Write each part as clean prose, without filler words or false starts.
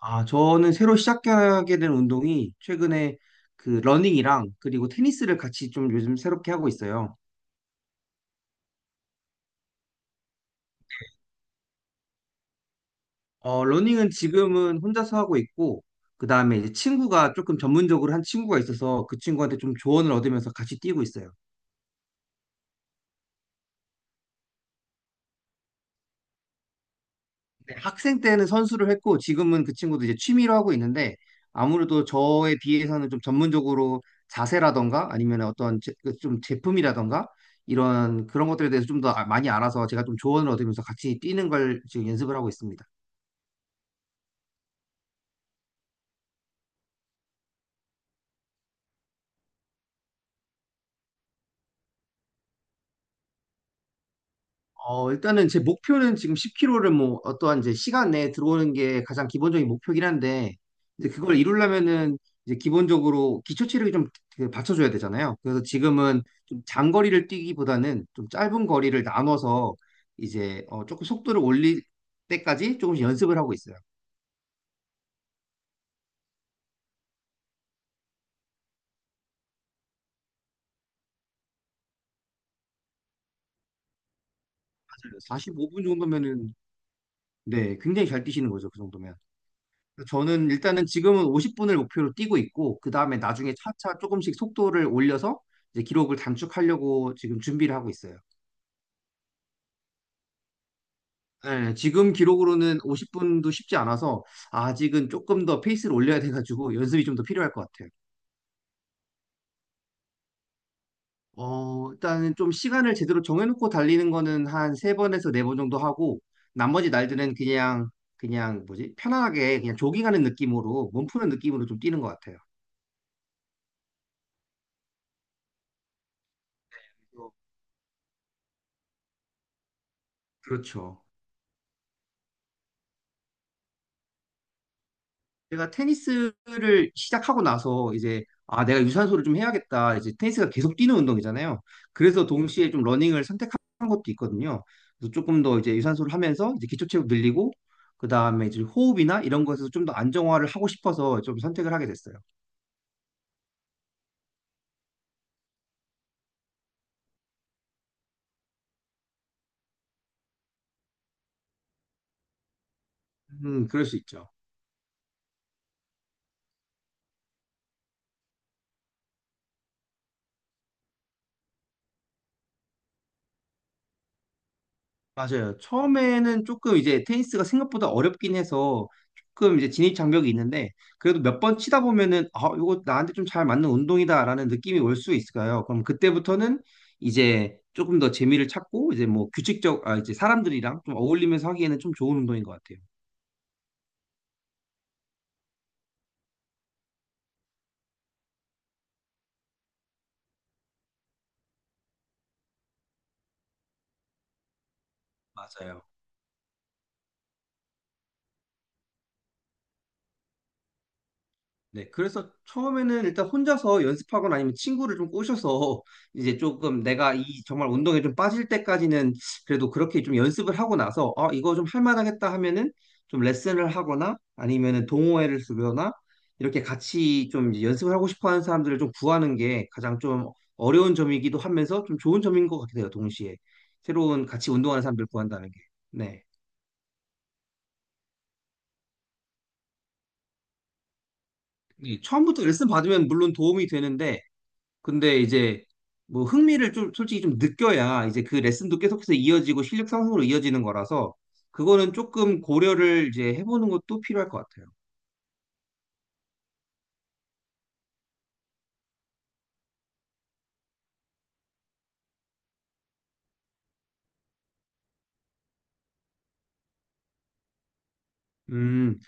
아, 저는 새로 시작하게 된 운동이 최근에 그 러닝이랑 그리고 테니스를 같이 좀 요즘 새롭게 하고 있어요. 러닝은 지금은 혼자서 하고 있고, 그 다음에 이제 친구가 조금 전문적으로 한 친구가 있어서 그 친구한테 좀 조언을 얻으면서 같이 뛰고 있어요. 네, 학생 때는 선수를 했고 지금은 그 친구도 이제 취미로 하고 있는데 아무래도 저에 비해서는 좀 전문적으로 자세라던가 아니면 어떤 그좀 제품이라던가 이런 그런 것들에 대해서 좀더 많이 알아서 제가 좀 조언을 얻으면서 같이 뛰는 걸 지금 연습을 하고 있습니다. 일단은 제 목표는 지금 10km 를뭐 어떠한 이제 시간 내에 들어오는 게 가장 기본적인 목표긴 한데 이제 그걸 이루려면은 이제 기본적으로 기초 체력이 좀그 받쳐줘야 되잖아요. 그래서 지금은 좀 장거리를 뛰기보다는 좀 짧은 거리를 나눠서 이제 조금 속도를 올릴 때까지 조금씩 연습을 하고 있어요. 맞아요. 45분 정도면은 네, 굉장히 잘 뛰시는 거죠. 그 정도면. 저는 일단은 지금은 50분을 목표로 뛰고 있고, 그 다음에 나중에 차차 조금씩 속도를 올려서 이제 기록을 단축하려고 지금 준비를 하고 있어요. 예, 지금 기록으로는 50분도 쉽지 않아서 아직은 조금 더 페이스를 올려야 돼가지고 연습이 좀 더 필요할 것 같아요. 일단은 좀 시간을 제대로 정해놓고 달리는 거는 한 세번에서 네 번 정도 하고, 나머지 날들은 그냥, 뭐지, 편안하게 그냥 조깅하는 느낌으로, 몸 푸는 느낌으로 좀 뛰는 것 같아요. 어, 그렇죠. 제가 테니스를 시작하고 나서 이제 아 내가 유산소를 좀 해야겠다 이제 테니스가 계속 뛰는 운동이잖아요. 그래서 동시에 좀 러닝을 선택한 것도 있거든요. 그래서 조금 더 이제 유산소를 하면서 이제 기초 체력 늘리고 그다음에 이제 호흡이나 이런 것에서 좀 더 안정화를 하고 싶어서 좀 선택을 하게 됐어요. 그럴 수 있죠. 맞아요. 처음에는 조금 이제 테니스가 생각보다 어렵긴 해서 조금 이제 진입 장벽이 있는데 그래도 몇 번 치다 보면은 아, 이거 나한테 좀 잘 맞는 운동이다라는 느낌이 올 수 있을까요? 그럼 그때부터는 이제 조금 더 재미를 찾고 이제 뭐 아, 이제 사람들이랑 좀 어울리면서 하기에는 좀 좋은 운동인 것 같아요. 맞아요. 네, 그래서 처음에는 일단 혼자서 연습하거나 아니면 친구를 좀 꼬셔서 이제 조금 내가 이 정말 운동에 좀 빠질 때까지는 그래도 그렇게 좀 연습을 하고 나서 아, 이거 좀 할만하겠다 하면은 좀 레슨을 하거나 아니면은 동호회를 주거나 이렇게 같이 좀 이제 연습을 하고 싶어 하는 사람들을 좀 구하는 게 가장 좀 어려운 점이기도 하면서 좀 좋은 점인 것 같아요, 동시에. 새로운 같이 운동하는 사람들 구한다는 게. 네. 이 처음부터 레슨 받으면 물론 도움이 되는데 근데 이제 뭐 흥미를 좀 솔직히 좀 느껴야 이제 그 레슨도 계속해서 이어지고 실력 상승으로 이어지는 거라서 그거는 조금 고려를 이제 해보는 것도 필요할 것 같아요. 음,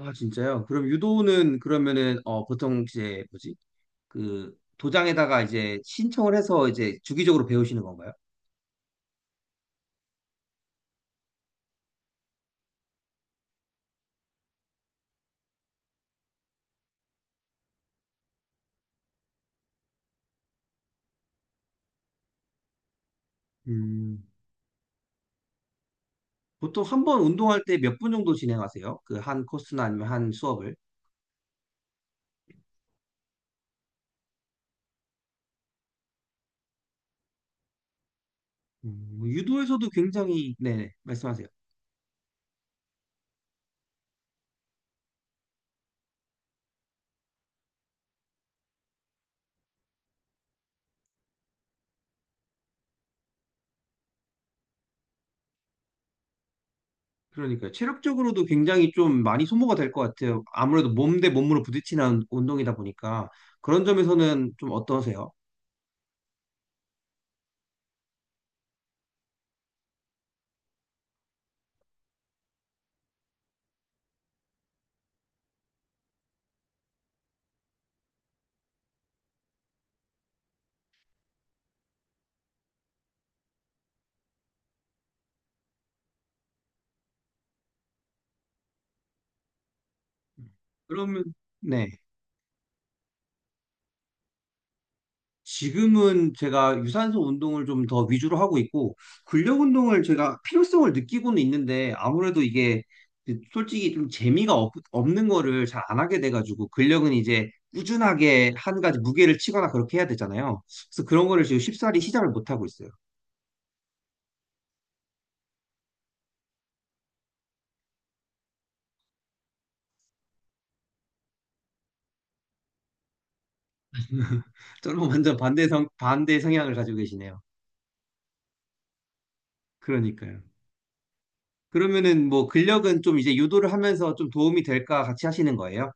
아 진짜요? 그럼 유도는 그러면은 보통 이제 뭐지? 그 도장에다가 이제 신청을 해서 이제 주기적으로 배우시는 건가요? 음, 보통 한 번 운동할 때 몇 분 정도 진행하세요? 그 한 코스나 아니면 한 수업을? 유도에서도 굉장히 네, 말씀하세요. 그러니까 체력적으로도 굉장히 좀 많이 소모가 될 것 같아요. 아무래도 몸대 몸으로 부딪히는 운동이다 보니까 그런 점에서는 좀 어떠세요? 그러면 네. 지금은 제가 유산소 운동을 좀 더 위주로 하고 있고 근력 운동을 제가 필요성을 느끼고는 있는데 아무래도 이게 솔직히 좀 재미가 없는 거를 잘 안 하게 돼가지고 근력은 이제 꾸준하게 한 가지 무게를 치거나 그렇게 해야 되잖아요. 그래서 그런 거를 지금 쉽사리 시작을 못 하고 있어요. 저랑 완전 반대 성, 반대 성향을 가지고 계시네요. 그러니까요. 그러면은 뭐 근력은 좀 이제 유도를 하면서 좀 도움이 될까 같이 하시는 거예요?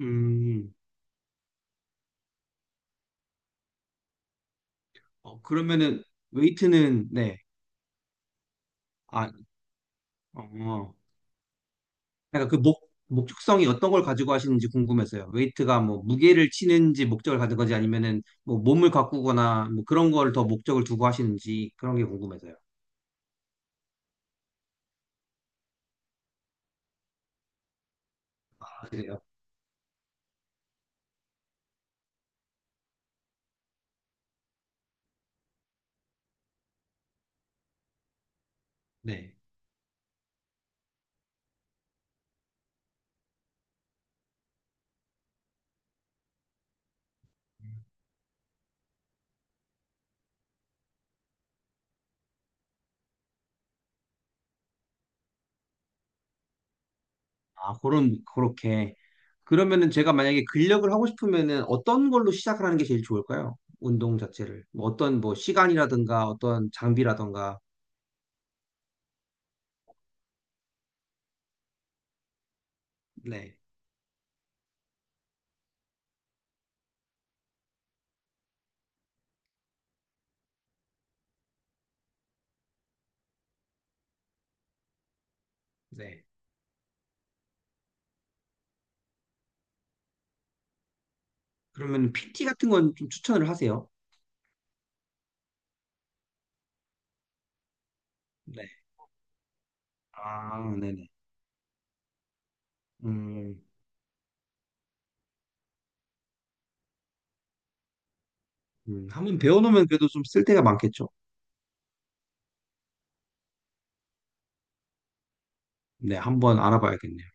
음, 그러면은 웨이트는, 네. 아, 어, 약간 그 목, 목적성이 어떤 걸 가지고 하시는지 궁금해서요. 웨이트가 뭐 무게를 치는지 목적을 가진 건지 아니면은 뭐 몸을 가꾸거나 뭐 그런 걸 더 목적을 두고 하시는지 그런 게 궁금해서요. 아, 그래요? 네. 아, 그렇게. 그러면은 제가 만약에 근력을 하고 싶으면은 어떤 걸로 시작을 하는 게 제일 좋을까요? 운동 자체를. 뭐 어떤 뭐 시간이라든가 어떤 장비라든가. 네, 네, 그러면 PT 같은 건 좀 추천을 하세요. 네. 아, 네네. 음, 한번 배워놓으면 그래도 좀 쓸 데가 많겠죠. 네, 한번 알아봐야겠네요.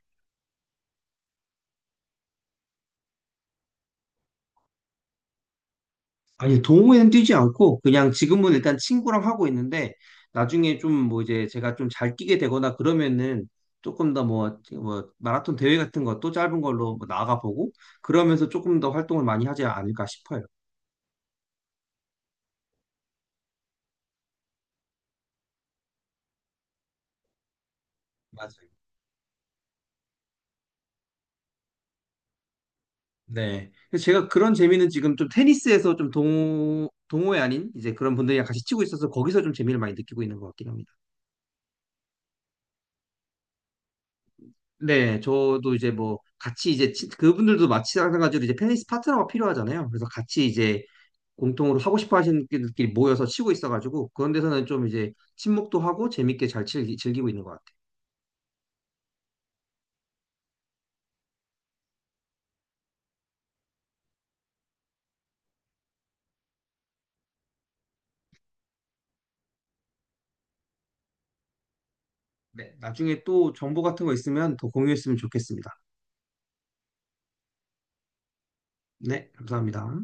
아니, 동호회는 뛰지 않고 그냥 지금은 일단 친구랑 하고 있는데 나중에 좀 뭐 이제 제가 좀 잘 뛰게 되거나 그러면은 조금 더 뭐 마라톤 대회 같은 것도 짧은 걸로 뭐 나가보고 그러면서 조금 더 활동을 많이 하지 않을까 싶어요. 맞아요. 네. 그래서 제가 그런 재미는 지금 좀 테니스에서 좀 동호회 아닌 이제 그런 분들이랑 같이 치고 있어서 거기서 좀 재미를 많이 느끼고 있는 것 같긴 합니다. 네, 저도 이제 뭐 같이 이제 그분들도 마찬가지로 이제 테니스 파트너가 필요하잖아요. 그래서 같이 이제 공통으로 하고 싶어 하시는 분들끼리 모여서 치고 있어가지고 그런 데서는 좀 이제 친목도 하고 재밌게 잘 즐기고 있는 것 같아요. 네, 나중에 또 정보 같은 거 있으면 더 공유했으면 좋겠습니다. 네, 감사합니다.